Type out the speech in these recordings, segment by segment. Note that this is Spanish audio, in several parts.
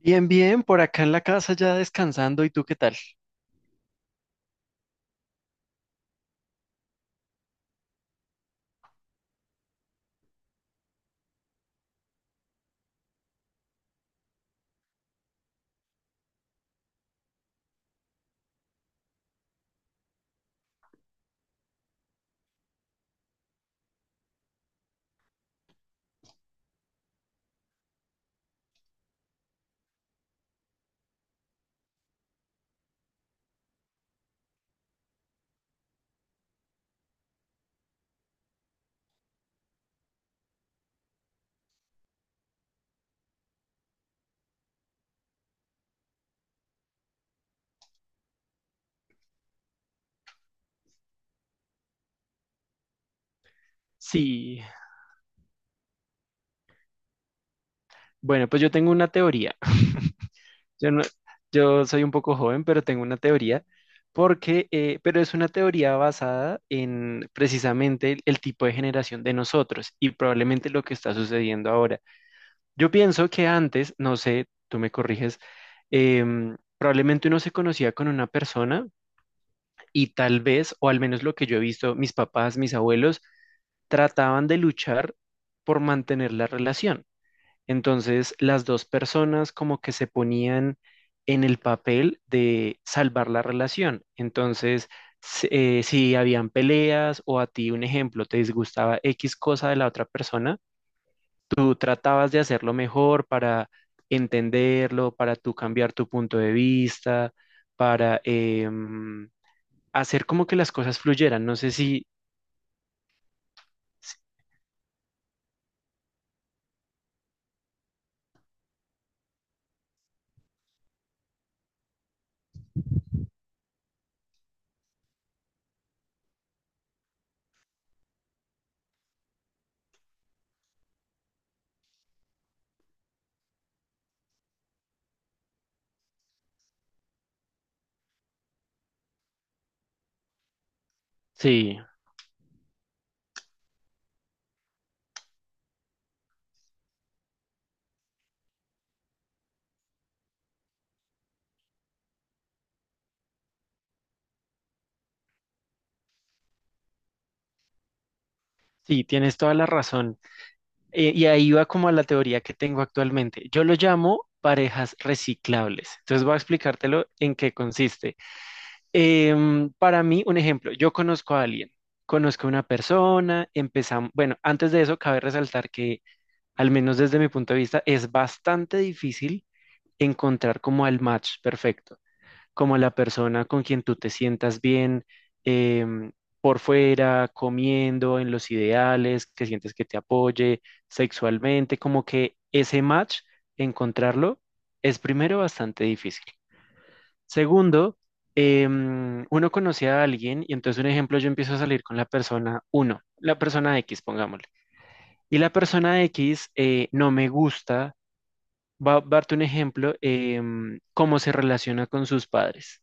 Bien, bien, por acá en la casa ya descansando. ¿Y tú qué tal? Sí, bueno, pues yo tengo una teoría. Yo no, yo soy un poco joven, pero tengo una teoría porque, pero es una teoría basada en precisamente el tipo de generación de nosotros y probablemente lo que está sucediendo ahora. Yo pienso que antes, no sé, tú me corriges, probablemente uno se conocía con una persona y tal vez, o al menos lo que yo he visto, mis papás, mis abuelos trataban de luchar por mantener la relación. Entonces, las dos personas como que se ponían en el papel de salvar la relación. Entonces, si habían peleas o a ti, un ejemplo, te disgustaba X cosa de la otra persona, tú tratabas de hacerlo mejor para entenderlo, para tú cambiar tu punto de vista, para hacer como que las cosas fluyeran. No sé si- sí, sí, tienes toda la razón. Y ahí va como a la teoría que tengo actualmente. Yo lo llamo parejas reciclables. Entonces voy a explicártelo en qué consiste. Para mí, un ejemplo, yo conozco a alguien, conozco a una persona, empezamos, bueno, antes de eso, cabe resaltar que, al menos desde mi punto de vista, es bastante difícil encontrar como el match perfecto, como la persona con quien tú te sientas bien, em, por fuera, comiendo, en los ideales, que sientes que te apoye sexualmente, como que ese match, encontrarlo, es primero bastante difícil. Segundo, uno conoce a alguien y entonces un ejemplo, yo empiezo a salir con la persona uno, la persona X, pongámosle. Y la persona X, no me gusta. Va a darte un ejemplo, cómo se relaciona con sus padres,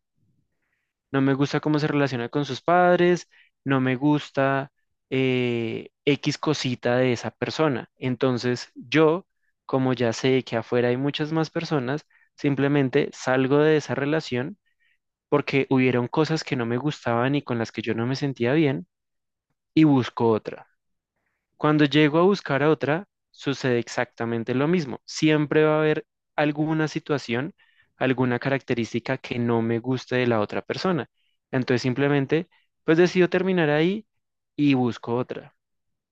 no me gusta cómo se relaciona con sus padres, no me gusta X cosita de esa persona. Entonces yo, como ya sé que afuera hay muchas más personas, simplemente salgo de esa relación porque hubieron cosas que no me gustaban y con las que yo no me sentía bien y busco otra. Cuando llego a buscar a otra, sucede exactamente lo mismo. Siempre va a haber alguna situación, alguna característica que no me guste de la otra persona. Entonces simplemente, pues decido terminar ahí y busco otra.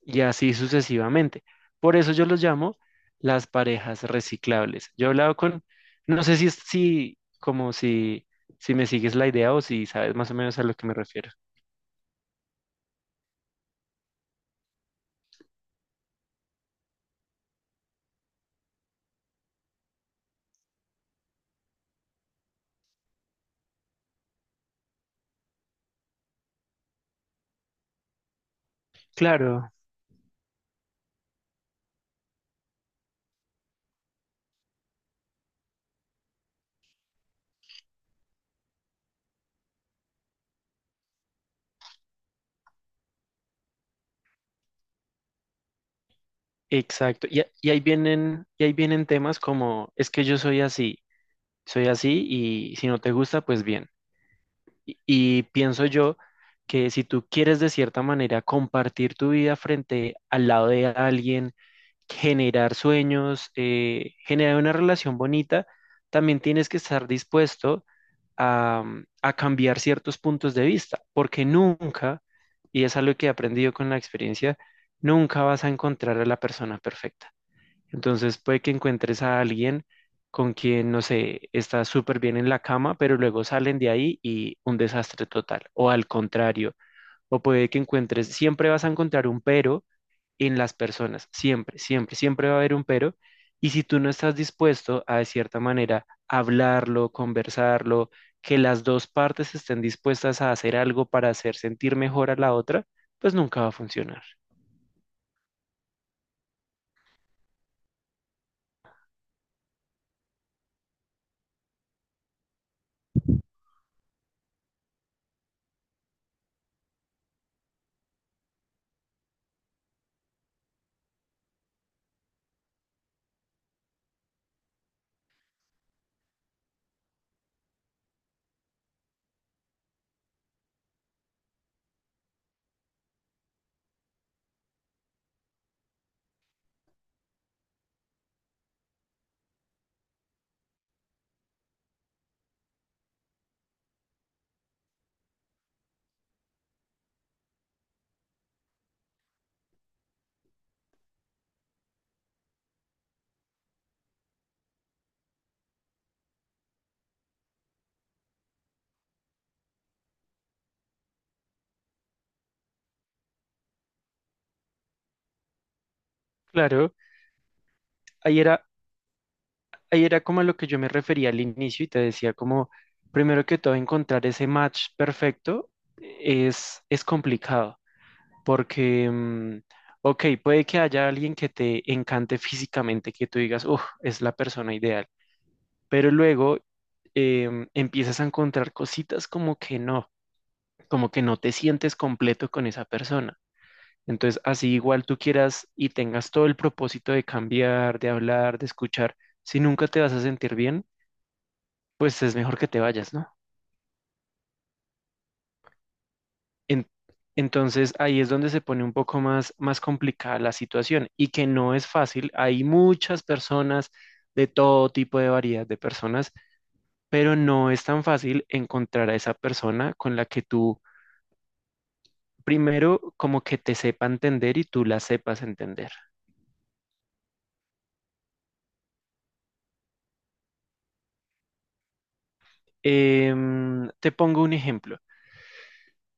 Y así sucesivamente. Por eso yo los llamo las parejas reciclables. Yo he hablado con, no sé si, es- si como si, si me sigues la idea o si sabes más o menos a lo que me refiero. Claro. Exacto. Y ahí vienen, y ahí vienen temas como, es que yo soy así y si no te gusta, pues bien. Y pienso yo que si tú quieres de cierta manera compartir tu vida frente al lado de alguien, generar sueños, generar una relación bonita, también tienes que estar dispuesto a, a cambiar ciertos puntos de vista, porque nunca, y es algo que he aprendido con la experiencia, nunca vas a encontrar a la persona perfecta. Entonces puede que encuentres a alguien con quien, no sé, está súper bien en la cama, pero luego salen de ahí y un desastre total, o al contrario, o puede que encuentres, siempre vas a encontrar un pero en las personas, siempre, siempre, siempre va a haber un pero, y si tú no estás dispuesto a, de cierta manera, hablarlo, conversarlo, que las dos partes estén dispuestas a hacer algo para hacer sentir mejor a la otra, pues nunca va a funcionar. Claro, ahí era ahí era como a lo que yo me refería al inicio y te decía como, primero que todo, encontrar ese match perfecto es complicado, porque, mm, ok, puede que haya alguien que te encante físicamente, que tú digas, uff, es la persona ideal, pero luego empiezas a encontrar cositas como que no te sientes completo con esa persona. Entonces, así igual tú quieras y tengas todo el propósito de cambiar, de hablar, de escuchar, si nunca te vas a sentir bien, pues es mejor que te vayas, ¿no? En- entonces ahí es donde se pone un poco más, más complicada la situación y que no es fácil. Hay muchas personas de todo tipo de variedad de personas, pero no es tan fácil encontrar a esa persona con la que tú primero como que te sepa entender y tú la sepas entender. Te pongo un ejemplo.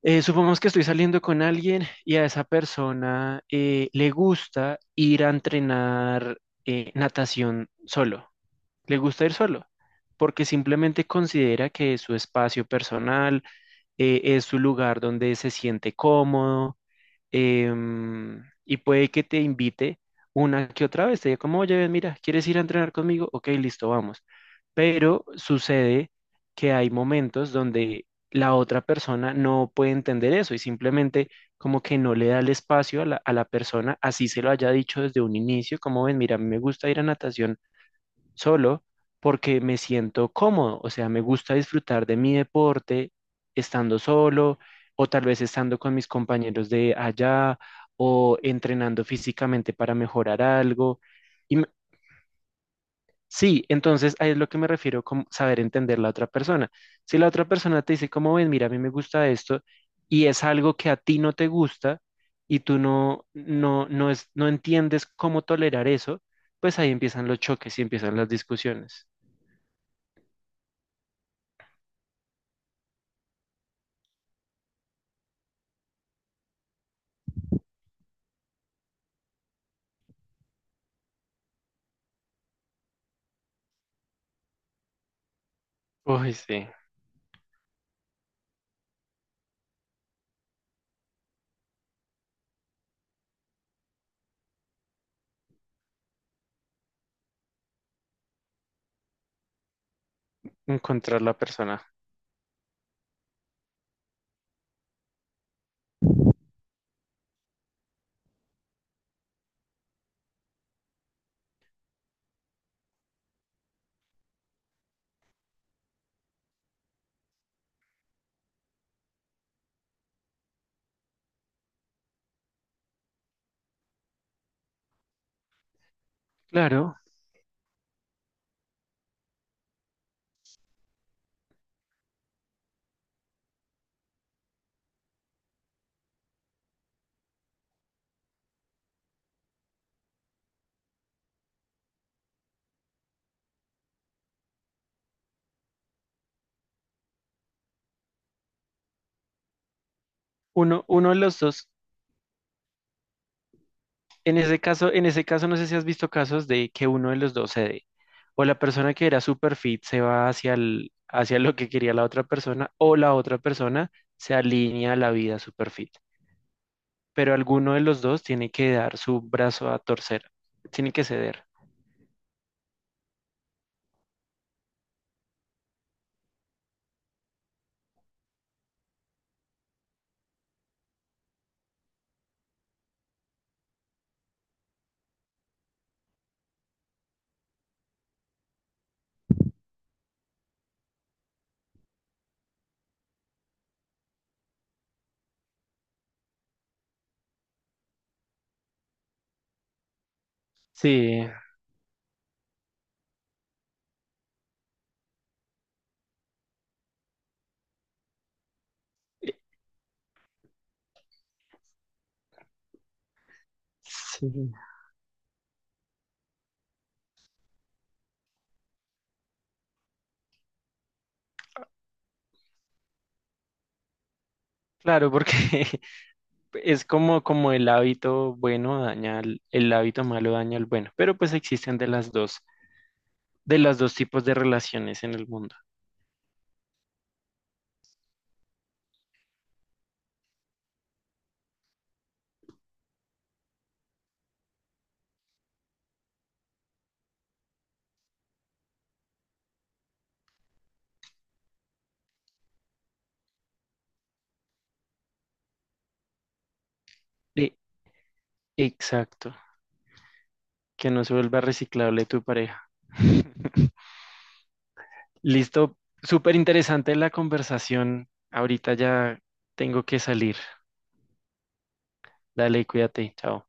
Supongamos que estoy saliendo con alguien y a esa persona le gusta ir a entrenar, natación solo. Le gusta ir solo porque simplemente considera que es su espacio personal, es su lugar donde se siente cómodo, y puede que te invite una que otra vez. Te diga como, oye, ven, mira, ¿quieres ir a entrenar conmigo? Ok, listo, vamos. Pero sucede que hay momentos donde la otra persona no puede entender eso y simplemente como que no le da el espacio a la persona, así se lo haya dicho desde un inicio, como ven, mira, a mí me gusta ir a natación solo porque me siento cómodo, o sea, me gusta disfrutar de mi deporte estando solo o tal vez estando con mis compañeros de allá o entrenando físicamente para mejorar algo. Y me- sí, entonces ahí es lo que me refiero con saber entender la otra persona. Si la otra persona te dice, como ven, mira, a mí me gusta esto y es algo que a ti no te gusta y tú no entiendes cómo tolerar eso, pues ahí empiezan los choques y empiezan las discusiones. Uy, sí, encontrar la persona. Claro, uno de los dos. En ese caso, no sé si has visto casos de que uno de los dos cede. O la persona que era super fit se va hacia lo que quería la otra persona, o la otra persona se alinea a la vida super fit. Pero alguno de los dos tiene que dar su brazo a torcer, tiene que ceder. Sí, eh, sí. Claro, porque Es como, como el hábito malo daña al bueno, pero pues existen de las dos, de los dos tipos de relaciones en el mundo. E- exacto, que no se vuelva reciclable tu pareja. Listo, súper interesante la conversación. Ahorita ya tengo que salir. Dale, cuídate, chao.